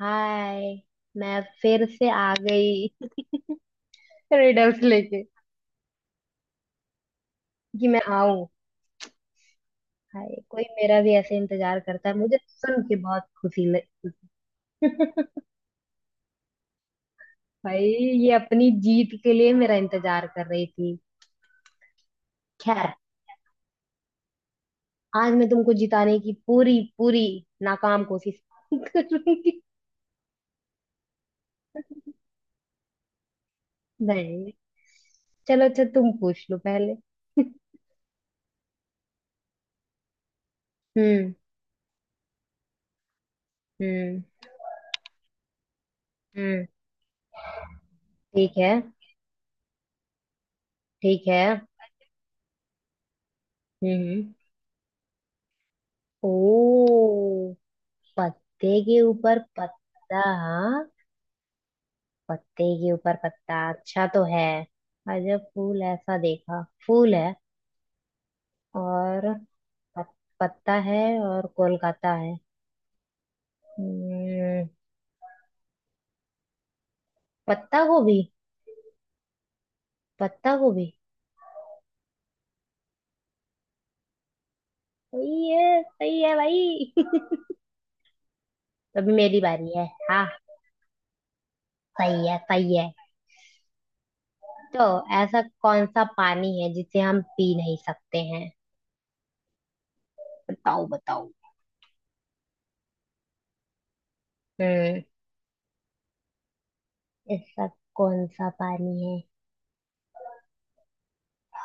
हाय। मैं फिर से आ गई रिडल्स लेके कि मैं आऊं। हाय, कोई मेरा भी ऐसे इंतजार करता है, मुझे सुन के बहुत खुशी लगी। भाई, ये अपनी जीत के लिए मेरा इंतजार कर रही थी। खैर, आज मैं तुमको जिताने की पूरी पूरी नाकाम कोशिश करूंगी। नहीं, चलो अच्छा तुम पूछ लो पहले। हम्म। हम्म। हम्म। ठीक है। ठीक है। हम्म। हम्म। ओ, पत्ते के ऊपर पत्ता। पत्ते के ऊपर पत्ता अच्छा तो है। अजब फूल ऐसा देखा, फूल है और पत, पत्ता है और कोलकाता है। हम्म, पत्ता गोभी। पत्ता गोभी। सही है भाई अभी मेरी बारी है। हाँ, सही है सही है। तो ऐसा कौन सा पानी है जिसे हम पी नहीं सकते हैं? बताओ बताओ। हम्म, ऐसा कौन सा पानी है?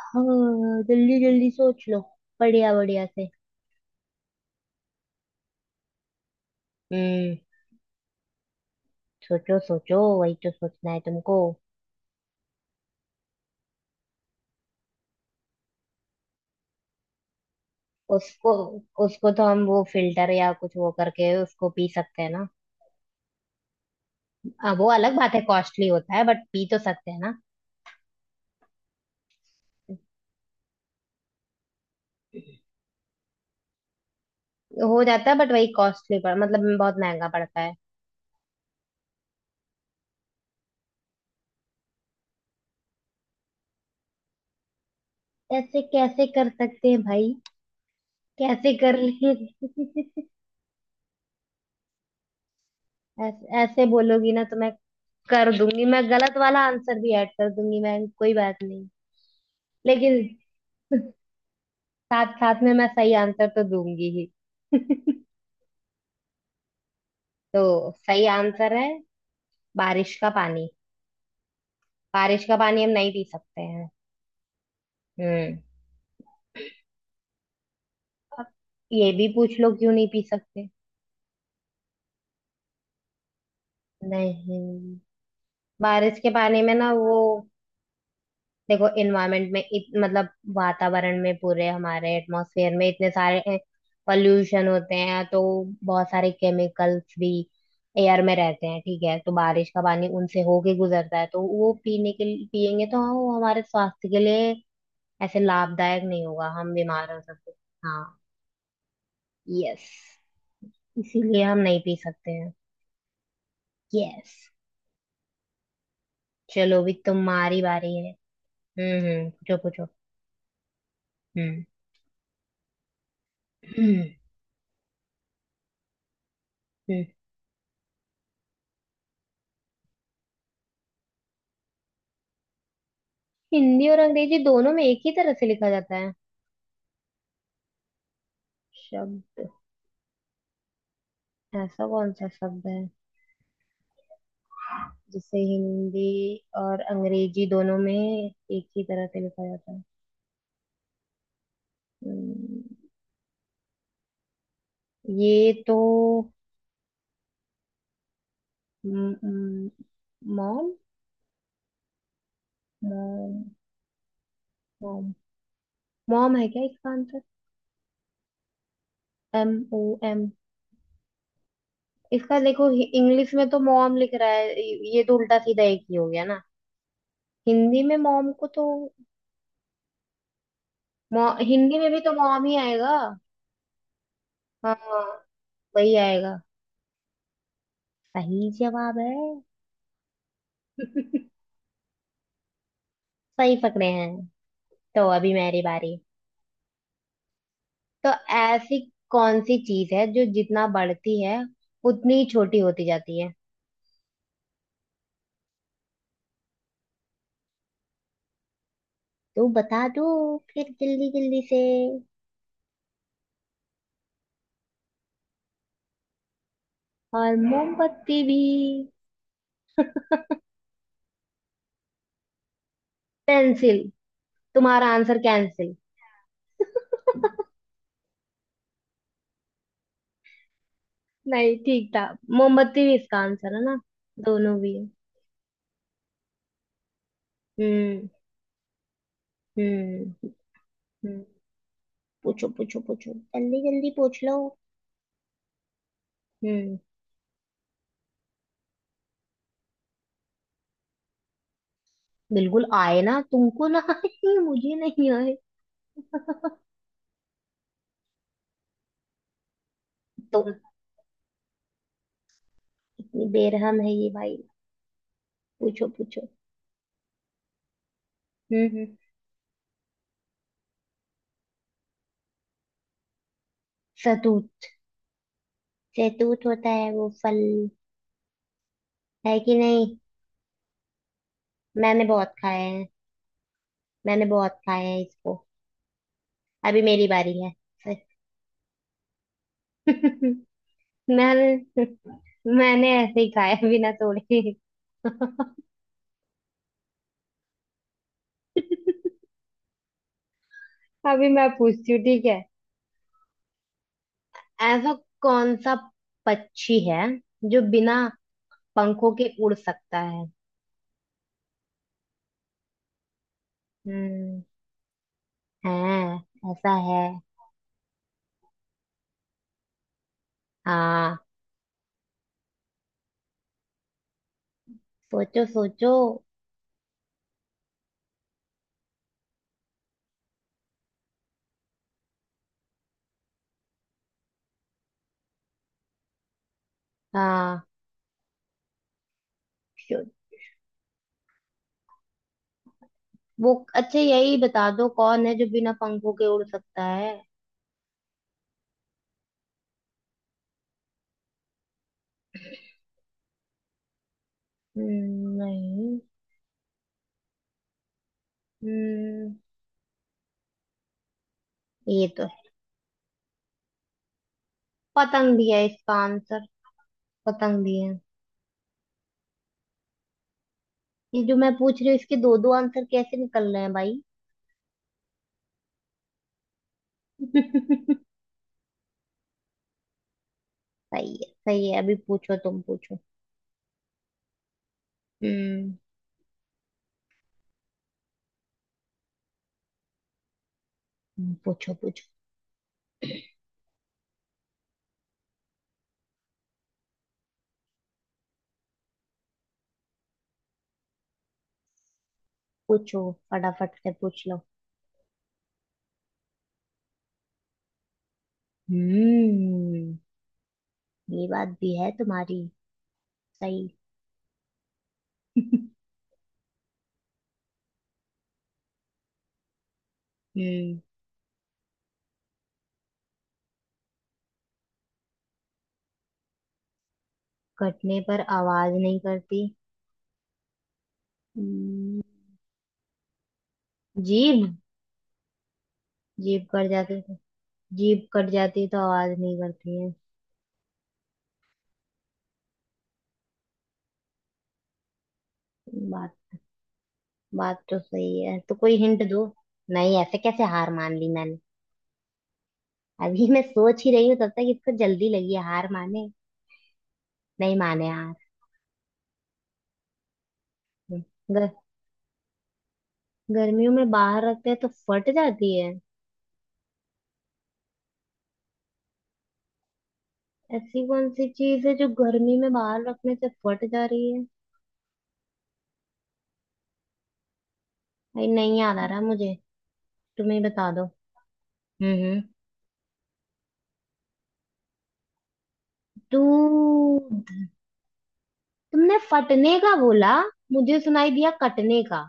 हाँ, जल्दी जल्दी सोच लो, बढ़िया बढ़िया से। हम्म, सोचो सोचो, वही तो सोचना है तुमको। उसको उसको तो हम वो फिल्टर या कुछ वो करके उसको पी सकते हैं ना? हाँ, वो अलग बात है, कॉस्टली होता है, बट पी तो सकते हैं ना? हो जाता है, बट वही कॉस्टली पड़ मतलब बहुत महंगा पड़ता है। ऐसे कैसे कर सकते हैं भाई? कैसे कर लेंगे? ऐसे बोलोगी ना तो मैं कर दूंगी, मैं गलत वाला आंसर भी ऐड कर दूंगी मैं, कोई बात नहीं। लेकिन साथ साथ में मैं सही आंसर तो दूंगी ही। तो सही आंसर है बारिश का पानी। बारिश का पानी हम नहीं पी सकते हैं। हम्म। अब ये भी पूछ लो क्यों नहीं पी सकते। नहीं, बारिश के पानी में ना वो देखो एनवायरनमेंट में मतलब वातावरण में, पूरे हमारे एटमॉस्फेयर में इतने सारे पॉल्यूशन होते हैं, तो बहुत सारे केमिकल्स भी एयर में रहते हैं, ठीक है, तो बारिश का पानी उनसे होके गुजरता है, तो वो पीने के लिए पियेंगे तो वो हमारे स्वास्थ्य के लिए ऐसे लाभदायक नहीं होगा, हम बीमार हो सकते। हाँ। यस, इसीलिए हम नहीं पी सकते हैं। यस। चलो अभी तुम्हारी बारी है। हम्म, पूछो पूछो। हम्म। हम्म। हिंदी और अंग्रेजी दोनों में एक ही तरह से लिखा जाता है शब्द? ऐसा कौन सा शब्द है जिसे हिंदी और अंग्रेजी दोनों में एक ही तरह से लिखा जाता है? हम्म, ये तो मॉम। मॉम। मॉम है क्या इसका आंसर? MOM। इसका देखो, इंग्लिश में तो मॉम लिख रहा है, ये तो उल्टा सीधा एक ही हो गया ना। हिंदी में मॉम को तो हिंदी में भी तो मॉम ही आएगा। हाँ, वही आएगा, सही जवाब है। सही पकड़े हैं। तो अभी मेरी बारी। तो ऐसी कौन सी चीज है जो जितना बढ़ती है उतनी ही छोटी होती जाती है? तो बता दो फिर जल्दी जल्दी से। और मोमबत्ती भी। पेंसिल, तुम्हारा आंसर कैंसिल। नहीं, ठीक था, मोमबत्ती भी इसका आंसर है ना, दोनों भी है। हम्म। हम्म। हम्म, पूछो पूछो पूछो, जल्दी जल्दी पूछ लो। हम्म। बिल्कुल आए ना तुमको ना आए मुझे नहीं आए तो, इतनी बेरहम है ये भाई। पूछो पूछो। हम्म। सतूत। सतूत होता है वो फल, है कि नहीं? मैंने बहुत खाए हैं। मैंने बहुत खाए हैं इसको। अभी मेरी बारी है। मैंने मैंने ऐसे ही खाया बिना तोड़े। अभी मैं पूछती हूँ, ठीक है? ऐसा कौन सा पक्षी है जो बिना पंखों के उड़ सकता है? हम्म। हाँ, ऐसा है। हाँ, सोचो सोचो। हाँ, शो- वो अच्छा यही बता दो कौन है जो बिना पंखों के उड़ सकता है। नहीं। हम्म, ये तो है। पतंग भी है इसका आंसर। पतंग भी है। ये जो मैं पूछ रही हूँ इसके दो दो आंसर कैसे निकल रहे हैं भाई? सही है सही है। अभी पूछो, तुम पूछो। हम्म। पूछो पूछो पूछो फटाफट से पूछ लो। हम्म। ये बात भी है तुम्हारी सही। हम्म। कटने पर आवाज नहीं करती? हम्म, जीभ। जीभ कट जाती तो। जीभ कट जाती तो आवाज नहीं करती है। बात बात तो सही है, तो कोई हिंट दो। नहीं, ऐसे कैसे हार मान ली मैंने, अभी मैं सोच ही रही हूँ तब तक इसको जल्दी लगी है हार माने। नहीं माने हार। गर, गर्मियों में बाहर रखते हैं तो फट जाती है। ऐसी कौन सी चीज है जो गर्मी में बाहर रखने से फट जा रही है? भाई, नहीं याद आ रहा मुझे, तुम्हें बता दो। हम्म। दूध? तुमने फटने का बोला, मुझे सुनाई दिया कटने का।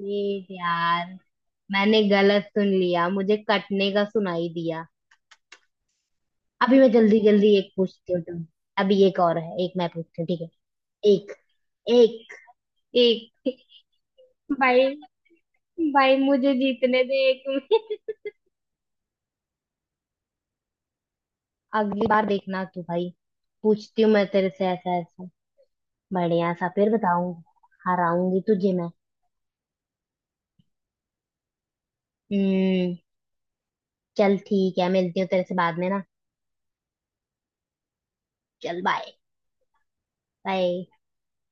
ये यार, मैंने गलत सुन लिया, मुझे कटने का सुनाई दिया। अभी मैं जल्दी जल्दी एक पूछती हूँ तुम। अभी एक और है, एक मैं पूछती हूँ ठीक है। एक, एक, एक। भाई, भाई मुझे जीतने दे एक। अगली बार देखना तू भाई, पूछती हूँ मैं तेरे से ऐसा ऐसा बढ़िया सा, फिर बताऊंगी। हराऊंगी तुझे मैं। हम्म, चल ठीक है, मिलती हूँ तेरे से बाद में ना। चल बाय। बाय।